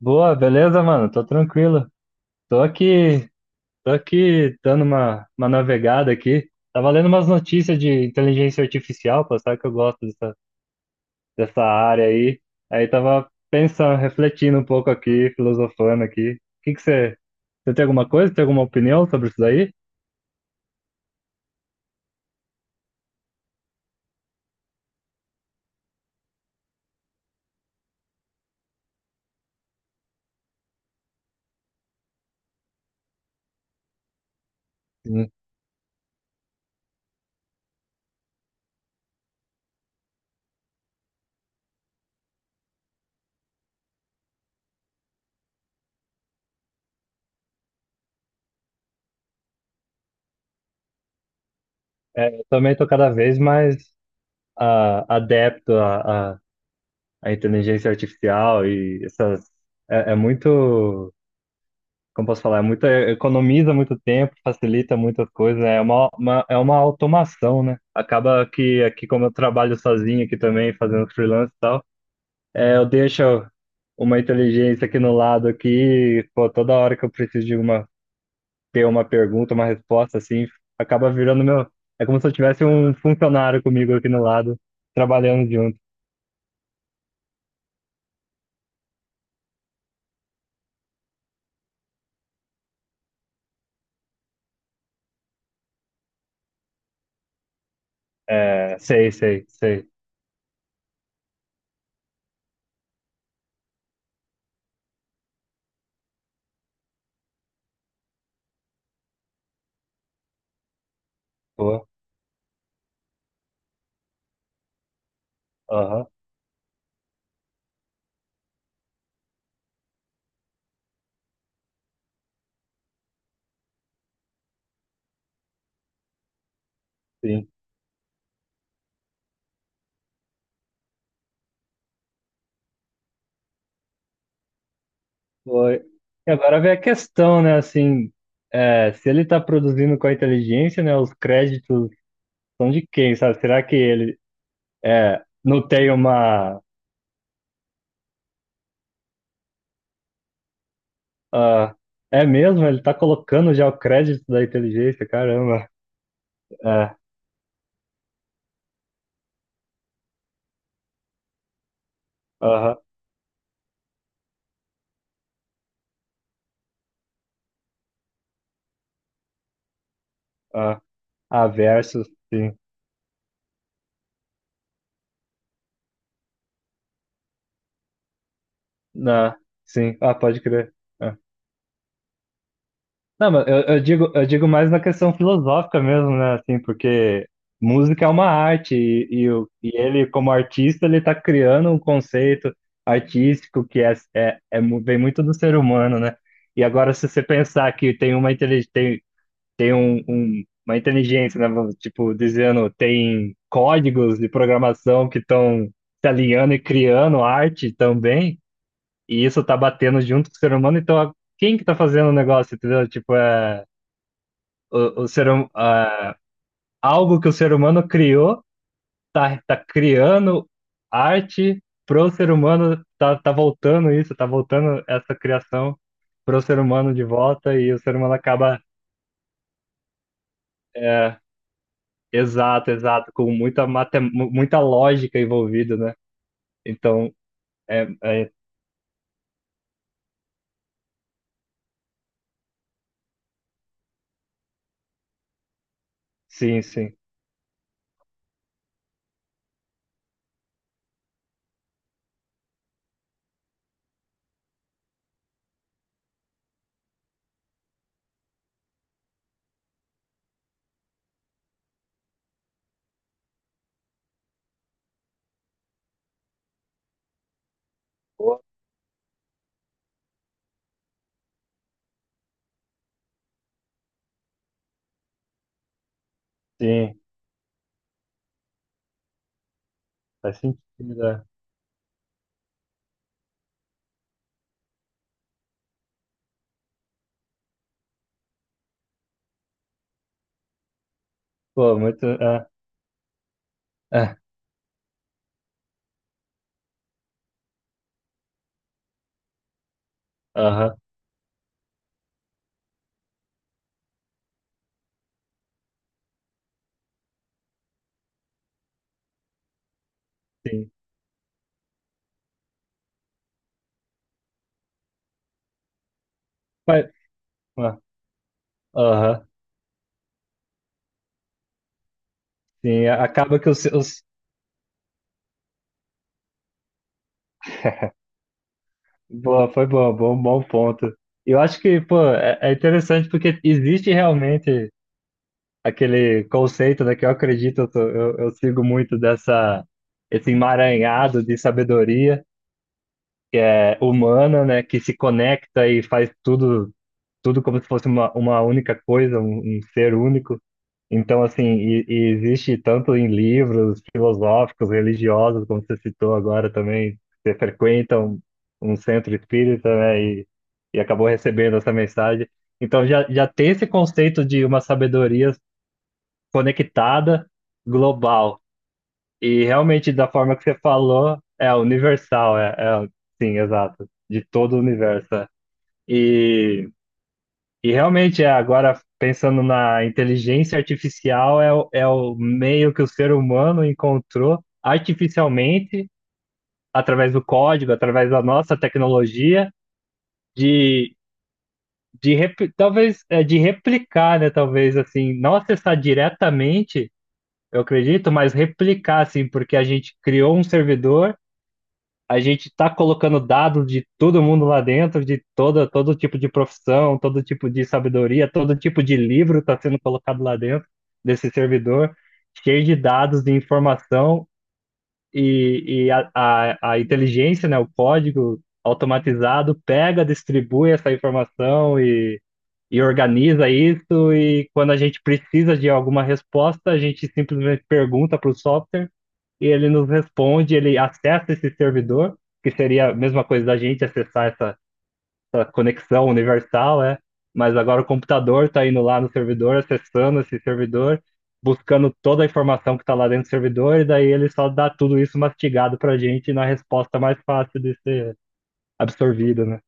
Boa, beleza, mano? Tô tranquilo. Tô aqui, tô aqui dando uma navegada aqui. Tava lendo umas notícias de inteligência artificial, pô, sabe que eu gosto dessa área aí. Aí tava pensando, refletindo um pouco aqui, filosofando aqui. O que que você tem alguma opinião sobre isso daí? Hum. Eu também tô cada vez mais adepto à inteligência artificial e essas, é muito, como posso falar, economiza muito tempo, facilita muitas coisas, é uma automação, né? Acaba que aqui, como eu trabalho sozinho aqui também, fazendo freelance e tal, eu deixo uma inteligência aqui no lado aqui, pô, toda hora que eu preciso ter uma pergunta, uma resposta, assim, acaba virando meu. É como se eu tivesse um funcionário comigo aqui no lado, trabalhando junto. É, sei, sei, sei. Pô, aham, sim. Foi. E agora vem a questão, né? Assim, se ele está produzindo com a inteligência, né? Os créditos são de quem, sabe? Será que ele é, não tem uma. Ah, é mesmo? Ele está colocando já o crédito da inteligência, caramba. É, aham, ah, ah, versus, sim. Ah, sim, ah, pode crer. É. Não, mas eu digo, eu digo, mais na questão filosófica mesmo, né? Assim, porque música é uma arte e ele, como artista, ele está criando um conceito artístico que vem muito do ser humano, né? E agora, se você pensar que tem uma inteligência, né? Tipo, dizendo, tem códigos de programação que estão se alinhando e criando arte também, e isso está batendo junto com o ser humano, então quem que tá fazendo o negócio, entendeu? Tipo, o, o ser, hum- ah, algo que o ser humano criou, tá criando arte pro ser humano, tá voltando isso, tá voltando essa criação pro ser humano de volta e o ser humano acaba, é, exato, exato, com muita lógica envolvida, né? Então, é, é, sim, sim. Pô, sim, faz sentido. É. Pô, muito. É, é, aham, sim. Mas, ah, aham, sim. Boa, foi boa, bom ponto. Eu acho que, pô, é interessante porque existe realmente aquele conceito, né, que eu acredito, eu sigo muito dessa, esse emaranhado de sabedoria que é humana, né, que se conecta e faz tudo como se fosse uma única coisa, um ser único. Então, assim, e existe tanto em livros filosóficos, religiosos, como você citou agora também, você frequenta um centro espírita, né, e acabou recebendo essa mensagem. Então, já, já tem esse conceito de uma sabedoria conectada, global, e realmente, da forma que você falou, é universal, é sim, exato, de todo o universo. É. E e realmente, agora pensando na inteligência artificial, é o meio que o ser humano encontrou artificialmente, através do código, através da nossa tecnologia, de, talvez é, de replicar, né? Talvez assim, não acessar diretamente, eu acredito, mas replicar, assim, porque a gente criou um servidor. A gente está colocando dados de todo mundo lá dentro, todo tipo de profissão, todo tipo de sabedoria, todo tipo de livro está sendo colocado lá dentro desse servidor, cheio de dados, de informação, e a inteligência, né, o código automatizado, pega, distribui essa informação e organiza isso. E quando a gente precisa de alguma resposta, a gente simplesmente pergunta para o software e ele nos responde. Ele acessa esse servidor, que seria a mesma coisa da gente acessar essa conexão universal. É. Mas agora o computador está indo lá no servidor, acessando esse servidor, buscando toda a informação que está lá dentro do servidor, e daí ele só dá tudo isso mastigado para a gente na resposta mais fácil de ser absorvida, né?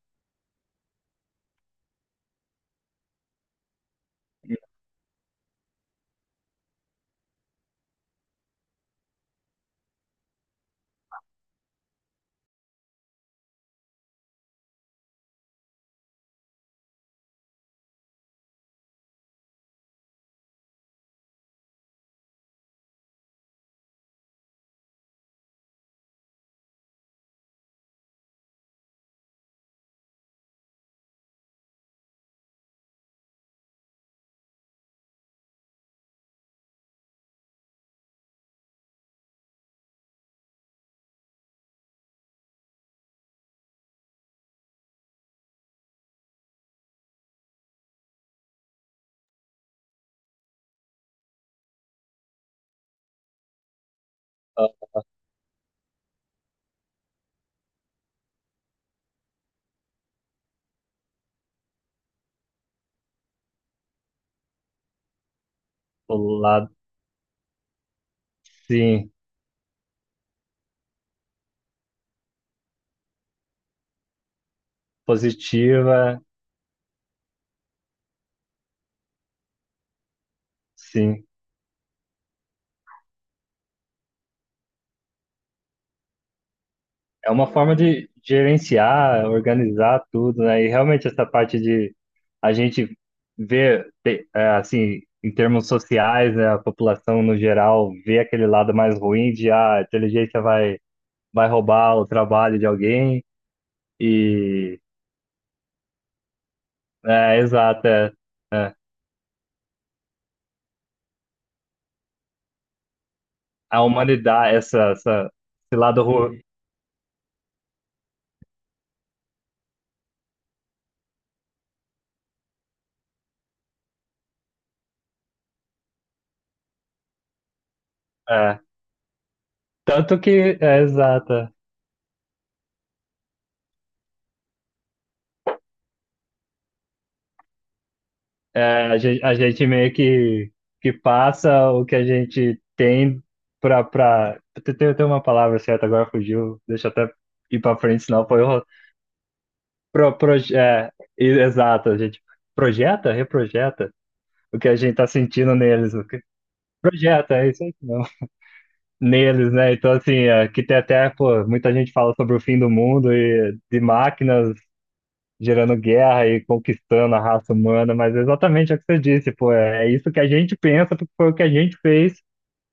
O lado, sim, positiva. Sim. É uma forma de gerenciar, organizar tudo, né? E realmente essa parte de a gente ver, assim, em termos sociais, né, a população no geral vê aquele lado mais ruim de a inteligência vai roubar o trabalho de alguém, e é, exato, é, é. A humanidade, esse lado ruim, é. Tanto que, é, exato. É. É, a gente meio que passa o que a gente tem pra. Tem uma palavra certa, agora fugiu, deixa eu até ir pra frente, senão foi. O- Pro, proje- é, e- Exato, a gente projeta, reprojeta o que a gente tá sentindo neles, o que, projeta, é isso aí mesmo. Neles, né? Então, assim, que tem até, pô, muita gente fala sobre o fim do mundo e de máquinas gerando guerra e conquistando a raça humana, mas é exatamente o que você disse, pô, é isso que a gente pensa, porque foi o que a gente fez,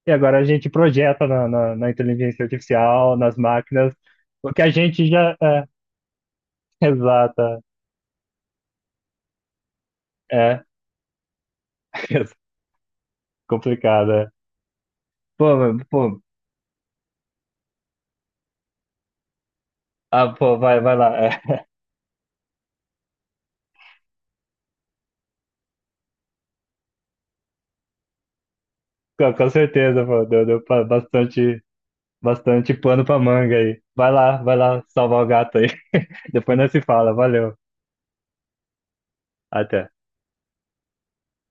e agora a gente projeta na inteligência artificial, nas máquinas, o que a gente já é, exata, é, complicado, é. Pô, mas, pô, ah, pô, vai lá, com certeza, pô, bastante pano pra manga aí, vai lá salvar o gato aí, depois nós se fala, valeu, até.